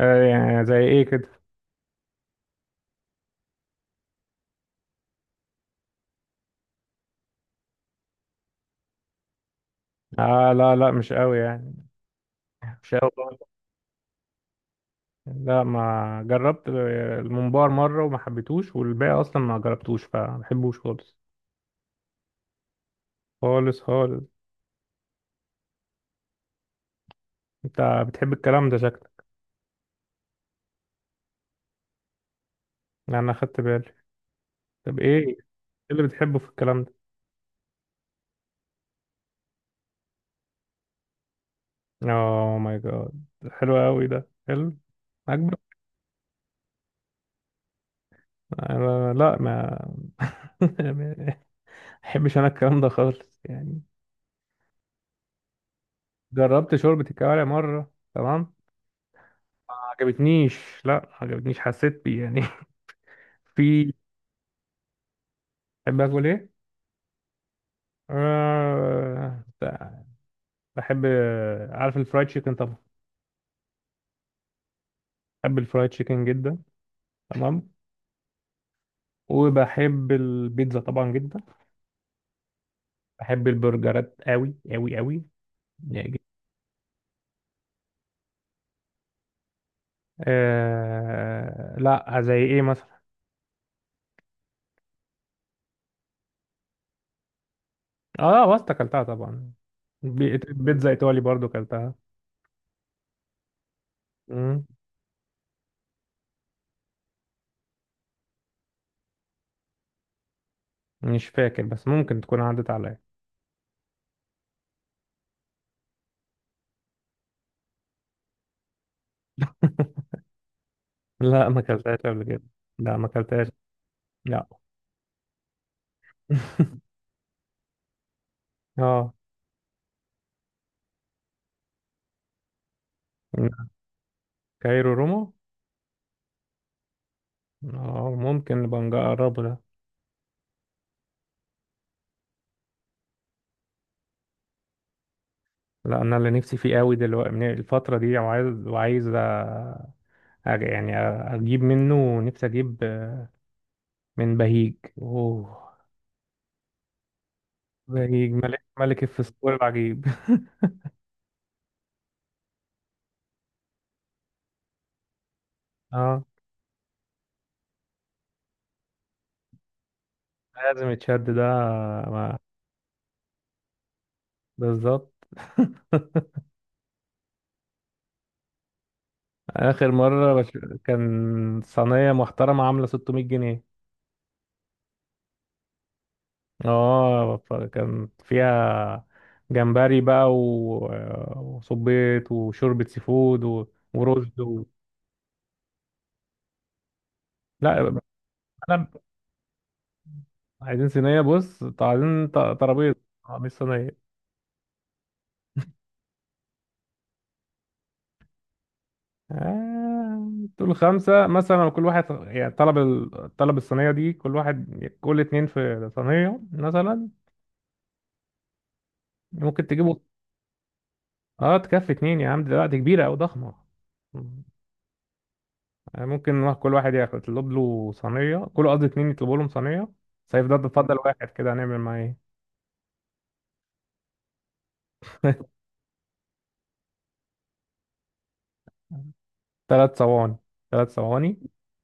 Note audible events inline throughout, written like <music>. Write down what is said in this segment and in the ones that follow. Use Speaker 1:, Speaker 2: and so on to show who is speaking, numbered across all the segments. Speaker 1: آه، يعني زي ايه كده. آه، لا لا، مش قوي يعني. مش قوي برضه. لا، ما جربت الممبار مرة وما حبيتهوش، والباقي اصلا ما جربتوش فما بحبوش خالص. خالص خالص. انت بتحب الكلام ده شكلك؟ يعني انا خدت بالي. طب ايه اللي بتحبه في الكلام ده؟ اوه ماي جاد، حلو قوي ده، حلو اكبر. أنا لا، ما <laughs> ما بحبش انا الكلام ده خالص يعني. جربت شوربة الكوارع مرة، تمام؟ ما عجبتنيش. لا، ما عجبتنيش، حسيت بيه يعني. <laughs> في بحب اكل ايه؟ آه... بحب، عارف الفرايد تشيكن طبعا؟ بحب الفرايد تشيكن جدا، تمام. وبحب البيتزا طبعا جدا. بحب البرجرات قوي قوي قوي، يعني جداً. لا، زي ايه مثلا؟ اه، باستا اكلتها طبعا. بيتزا ايطالي برضو اكلتها. مم. مش فاكر، بس ممكن تكون عدت عليا. <laughs> لا، ما اكلتهاش قبل كده. لا، ما اكلتهاش. لا. <laughs> اه، كايرو روما. اه، ممكن نبقى نجربه ده. لا، انا اللي نفسي فيه قوي دلوقتي من الفتره دي، وعايز يعني اجيب منه، نفسي اجيب من بهيج. اوه، بهيج، ملك الفسفور العجيب. <laughs> اه، لازم يتشد ده. ما- بالظبط. <laughs> اخر مره كان صينيه محترمه، عامله 600 جنيه. اه، فكان فيها جمبري بقى وصبيط وشوربة سي فود ورز لا، انا عايزين صينية. بص، طب عايزين ترابيزة، آه، مش صينية. آه... دول خمسة مثلا، كل واحد يعني طلب الصينية دي، كل واحد، كل اتنين في صينية مثلا. ممكن تجيبوا؟ اه، تكفي اتنين يا عم، دلوقتي كبيرة أو ضخمة. يعني ممكن كل واحد يطلب له صينية، كل قصدي اتنين يطلبوا لهم صينية سيف. ده تفضل واحد كده، هنعمل معاه ايه؟ تلات صواني. تلات صواني،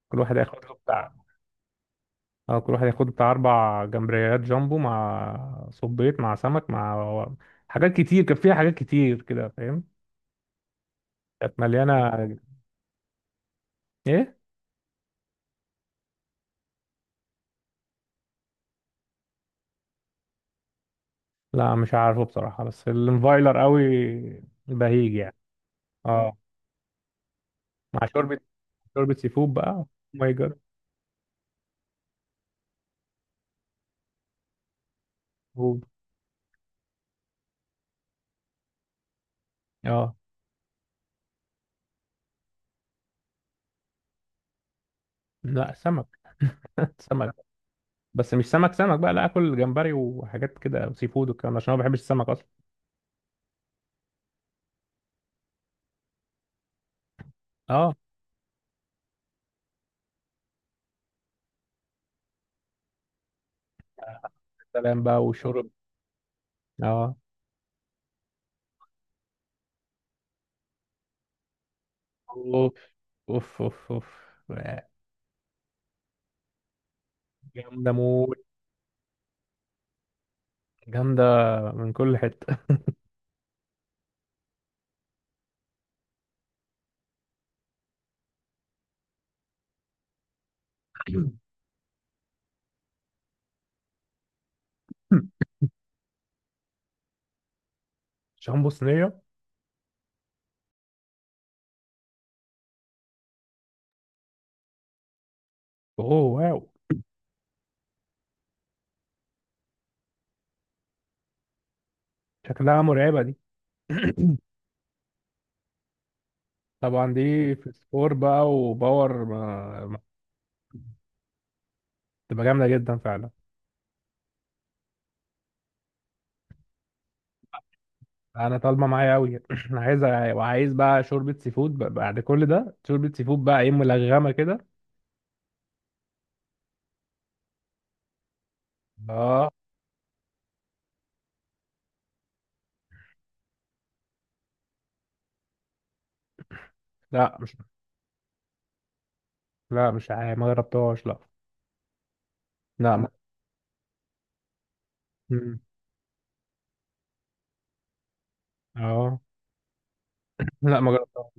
Speaker 1: كل واحد ياخد له بتاع. اه، كل واحد ياخد بتاع، أربع جمبريات جامبو مع صبيط مع سمك مع حاجات كتير. كان فيها حاجات كتير كده، فاهم؟ كانت مليانة. ايه؟ لا مش عارفه بصراحة، بس الانفايلر قوي بهيج يعني. اه، مع شوربة سي فود بقى. ماي جاد. اه. لا، سمك. <laughs> سمك. بس مش سمك سمك بقى، لا، اكل جمبري وحاجات كده وسي فود والكلام ده، عشان انا ما بحبش السمك اصلا. اه، سلام بقى وشرب. اه، اوف اوف اوف. اوف، جامده موت. جامده من كل حته. <coughs> شامبو صينيه. اوه واو. شكلها مرعبه دي. <coughs> طبعا دي في سكور بقى وباور تبقى جامده جدا فعلا. انا طالبه معايا قوي. <coughs> انا عايز، وعايز بقى شوربه سي فود بعد كل ده شوربه سي فود بقى، ايه ملغمه كده. اه. لا مش، لا مش عارف، ما جربتهاش لا. لا ما... مم. اه، لا ما جربتهاش،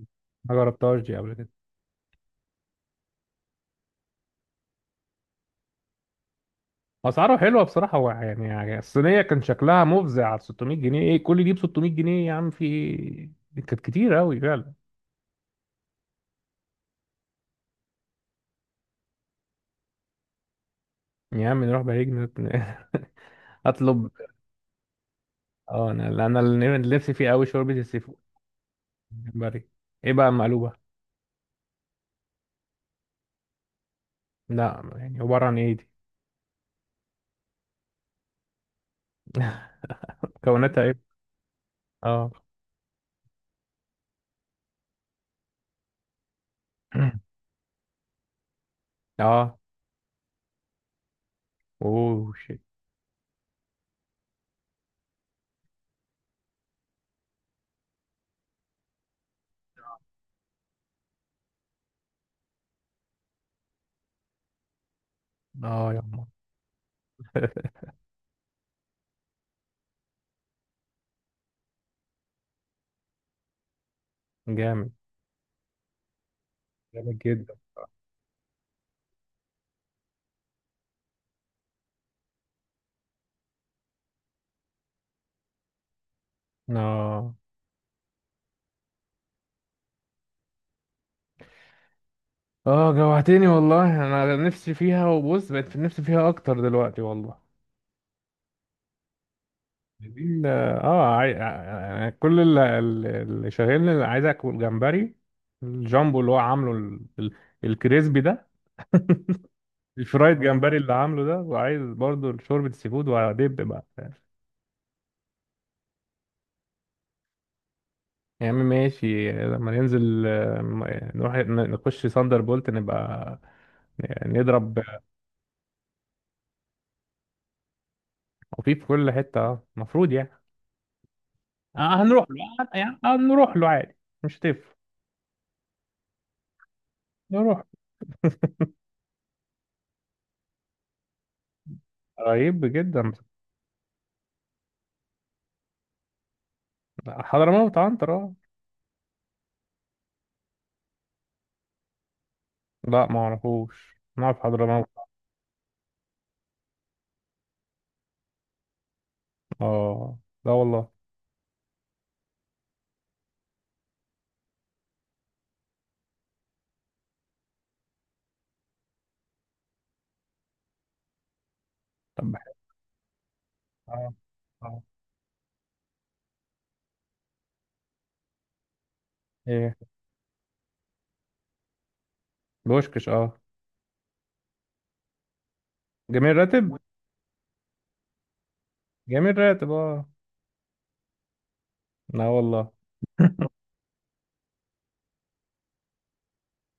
Speaker 1: ما جربتهاش دي قبل كده. اسعاره حلوه بصراحه، هو يعني يعني الصينيه كان شكلها مفزع على 600 جنيه. ايه كل دي ب 600 جنيه يا عم؟ في ايه؟ كانت كتير قوي فعلا. يا عم نروح بهيج <laughs> اطلب. اه، انا انا اللي نفسي فيه قوي شوربه السي فود. جمبري. ايه بقى مقلوبه؟ لا يعني عباره عن ايه دي؟ مكوناتها ايه؟ اه. <clears throat> اه. اوه شيت. اه يا عم. <laughs> جامد. جامد جدا. اه. اه، جوعتني والله، انا نفسي فيها. وبص بقت في نفسي فيها اكتر دلوقتي والله. ال- اه آه، يعني كل اللي، اللي شاغلني اللي عايز اكل جمبري، الجامبو اللي هو عامله الكريسبي ده، الفرايد جمبري اللي عامله ده. وعايز برضو شوربة سي فود، وهدب بقى. يا عم ماشي، لما ننزل آه، نروح نخش ساندر بولت، نبقى نضرب خفيف في كل حتة المفروض يعني. آه، هنروح له. آه، يعني هنروح له عادي، مش هتفرق. نروح، قريب جدا. حضرموت عنتر، اه. لا ما اعرفوش، نعرف حضرموت. اه. لا والله. طب اه. اه. ايه؟ بوشكش، اه. جميل راتب. جميل راتب، اه. لا والله،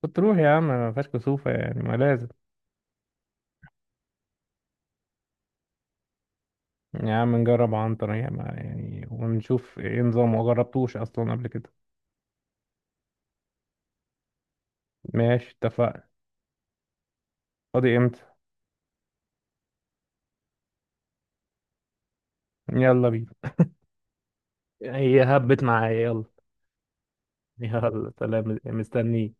Speaker 1: كنت روح يا عم، ما فيهاش كسوفة يعني، ما لازم. يا عم نجرب عنتر يا ما يعني، ونشوف ايه نظامه، ما جربتوش اصلا قبل كده. ماشي، اتفقنا. فاضي امتى؟ يلا بينا. هي هبت معايا، يلا. يلا، سلام مستنيه.